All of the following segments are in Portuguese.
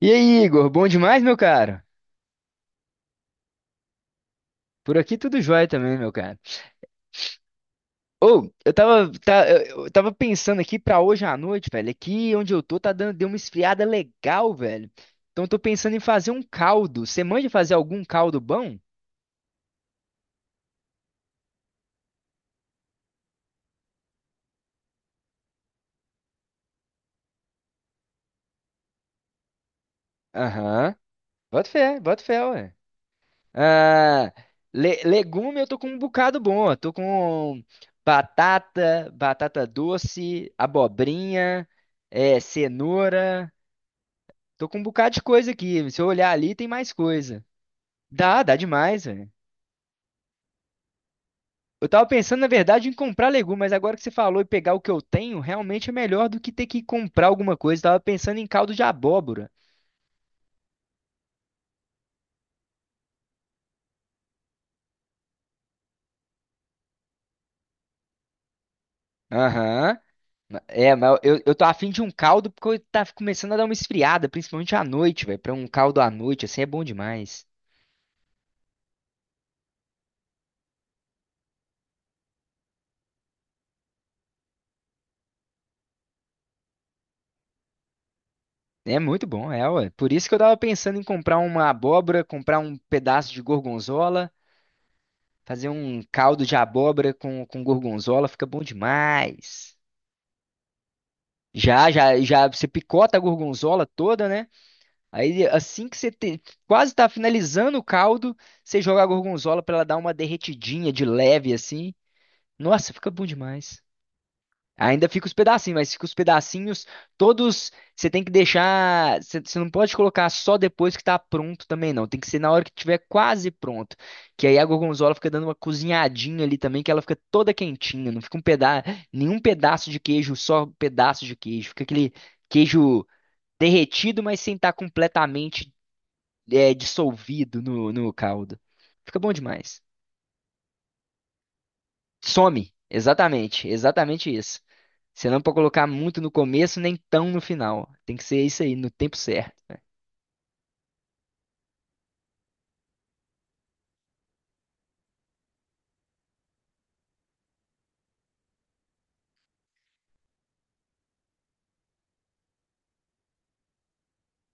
E aí, Igor, bom demais, meu cara? Por aqui tudo jóia também, meu cara. Ou, eu tava, eu tava pensando aqui pra hoje à noite, velho. Aqui onde eu tô deu uma esfriada legal, velho. Então eu tô pensando em fazer um caldo. Você manja fazer algum caldo bom? Aham. Bota fé, ué. Ah, legume eu tô com um bocado bom. Eu tô com batata, batata doce, abobrinha, é, cenoura. Tô com um bocado de coisa aqui. Se eu olhar ali, tem mais coisa. Dá, dá demais, velho. Eu tava pensando, na verdade, em comprar legumes, mas agora que você falou e pegar o que eu tenho, realmente é melhor do que ter que comprar alguma coisa. Eu tava pensando em caldo de abóbora. Aham. É, mas eu tô afim de um caldo porque eu tá começando a dar uma esfriada, principalmente à noite, velho. Pra um caldo à noite, assim, é bom demais. É muito bom, é, ué. Por isso que eu tava pensando em comprar uma abóbora, comprar um pedaço de gorgonzola. Fazer um caldo de abóbora com gorgonzola fica bom demais. Já, já, já, você picota a gorgonzola toda, né? Aí, quase tá finalizando o caldo, você joga a gorgonzola pra ela dar uma derretidinha de leve, assim. Nossa, fica bom demais. Ainda fica os pedacinhos, mas fica os pedacinhos todos. Você tem que deixar. Você não pode colocar só depois que tá pronto também, não. Tem que ser na hora que tiver quase pronto. Que aí a gorgonzola fica dando uma cozinhadinha ali também, que ela fica toda quentinha. Não fica um pedaço, nenhum pedaço de queijo, só pedaço de queijo. Fica aquele queijo derretido, mas sem estar completamente é, dissolvido no caldo. Fica bom demais. Some. Exatamente. Exatamente isso. Você não pode colocar muito no começo, nem tão no final. Tem que ser isso aí, no tempo certo.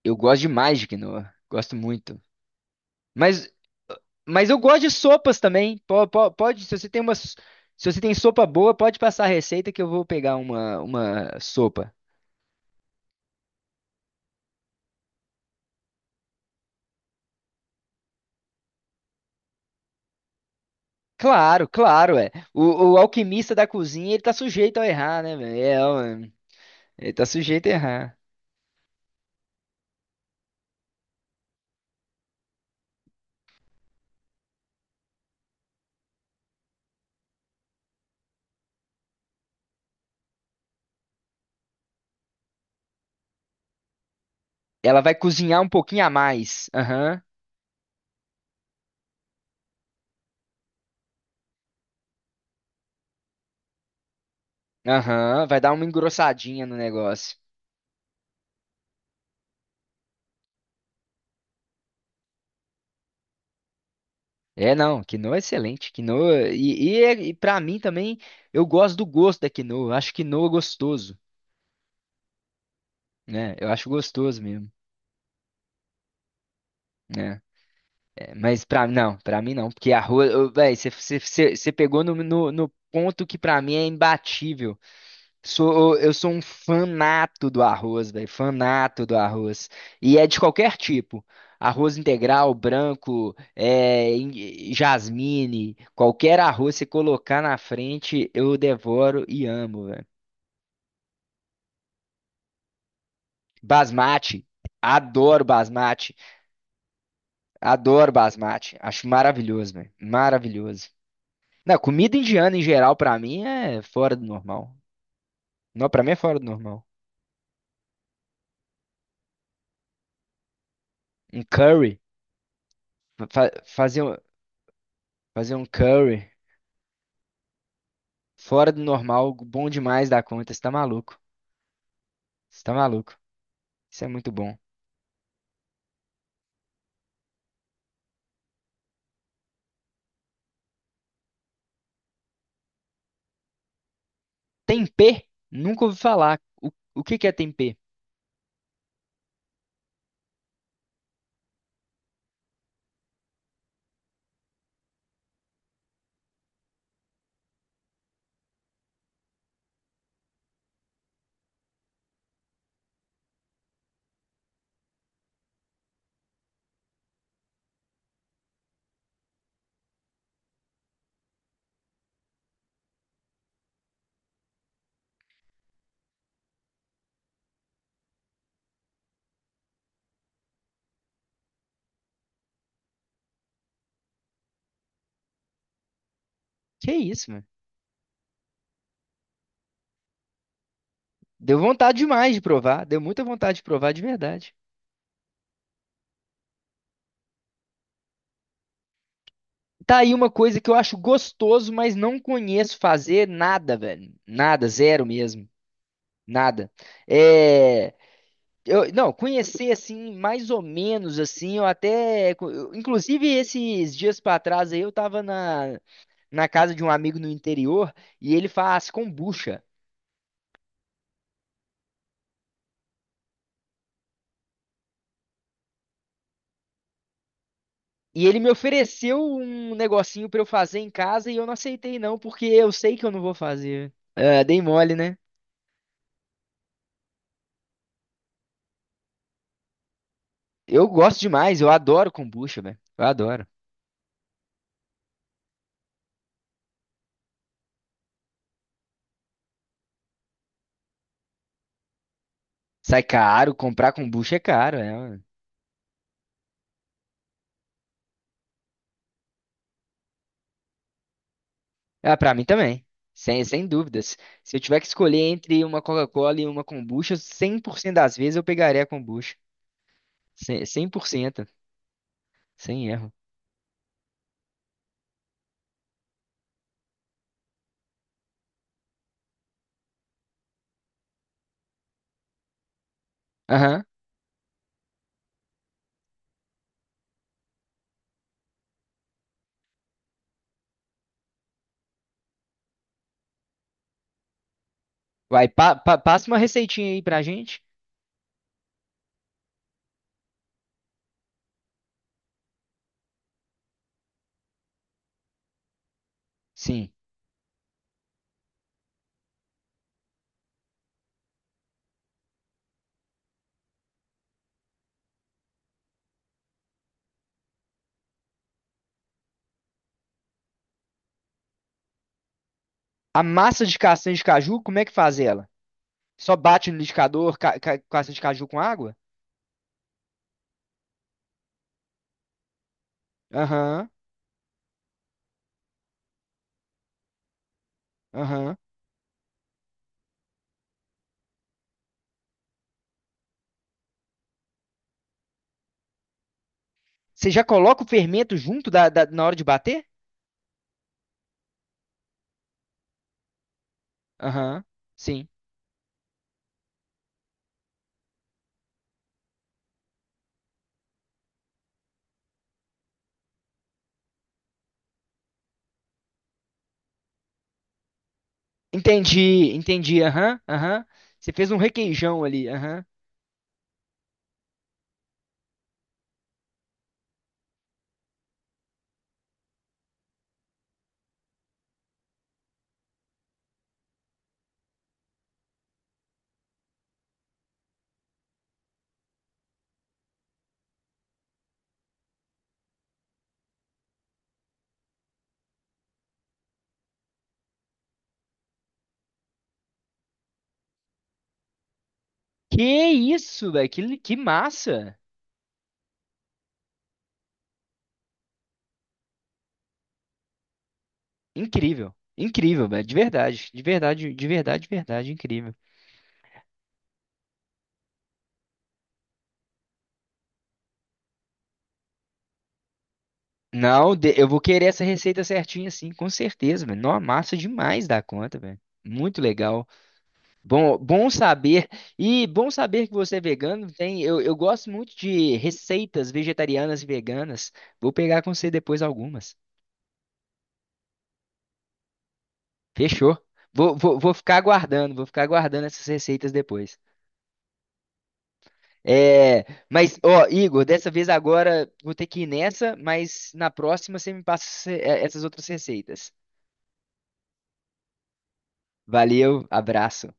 Eu gosto demais de quinoa. Gosto muito. Mas, mas eu gosto de sopas também. Pode, se você tem uma, se você tem sopa boa, pode passar a receita que eu vou pegar uma sopa. Claro, claro, é. O alquimista da cozinha, ele tá sujeito a errar, né, velho? É, ó, ele tá sujeito a errar. Ela vai cozinhar um pouquinho a mais. Aham. Aham, vai dar uma engrossadinha no negócio. É, não, quinoa é excelente. Quinoa. E para mim também, eu gosto do gosto da quinoa. Eu Acho quinoa gostoso, né? Eu acho gostoso mesmo, né? É, mas pra não, pra mim não. Porque arroz. Ô, Véi, você pegou no ponto que pra mim é imbatível. Sou, eu sou um fanato do arroz, velho, fanato do arroz. E é de qualquer tipo. Arroz integral, branco, é, jasmine, qualquer arroz você colocar na frente, eu devoro e amo, velho. Basmati, adoro basmati, adoro basmati. Acho maravilhoso, velho, maravilhoso. Não, comida indiana em geral pra mim é fora do normal. Não, pra mim é fora do normal. Um curry, fa- fazer um, fazer um curry. Fora do normal, bom demais da conta. Você tá maluco. Você tá maluco. Isso é muito bom. Tempê? Nunca ouvi falar. O que que é tempê? Que isso, mano? Deu vontade demais de provar. Deu muita vontade de provar de verdade. Tá aí uma coisa que eu acho gostoso, mas não conheço fazer nada, velho. Nada, zero mesmo. Nada. É. Eu, não, conhecer assim, mais ou menos assim, eu até. Inclusive, esses dias pra trás aí, eu tava na, na casa de um amigo no interior e ele faz kombucha. E ele me ofereceu um negocinho pra eu fazer em casa e eu não aceitei não, porque eu sei que eu não vou fazer. Ah, dei mole, né? Eu gosto demais, eu adoro kombucha, velho. Eu adoro. Sai caro, comprar kombucha é caro, é. Ué. Ah, pra mim também. Sem, sem dúvidas. Se eu tiver que escolher entre uma Coca-Cola e uma kombucha, 100% das vezes eu pegaria a kombucha. 100%, sem erro. Aham. Vai, passa uma receitinha aí pra gente. Sim. A massa de castanha de caju, como é que faz ela? Só bate no liquidificador castanha de caju com água? Aham, aham. Você já coloca o fermento junto da, na hora de bater? Aham, sim. Entendi, entendi, aham, aham. Você fez um requeijão ali, aham. Que isso, velho, que, que massa! Incrível, incrível, velho, de verdade, de verdade, de verdade, de verdade, incrível. Não, eu vou querer essa receita certinha, sim, com certeza, velho. Nossa, massa demais da conta, velho. Muito legal. Bom, bom saber. E bom saber que você é vegano. Tem, eu gosto muito de receitas vegetarianas e veganas. Vou pegar com você depois algumas. Fechou. Vou ficar aguardando, vou ficar aguardando essas receitas depois. É, mas, ó, Igor, dessa vez agora vou ter que ir nessa, mas na próxima você me passa essas outras receitas. Valeu, abraço.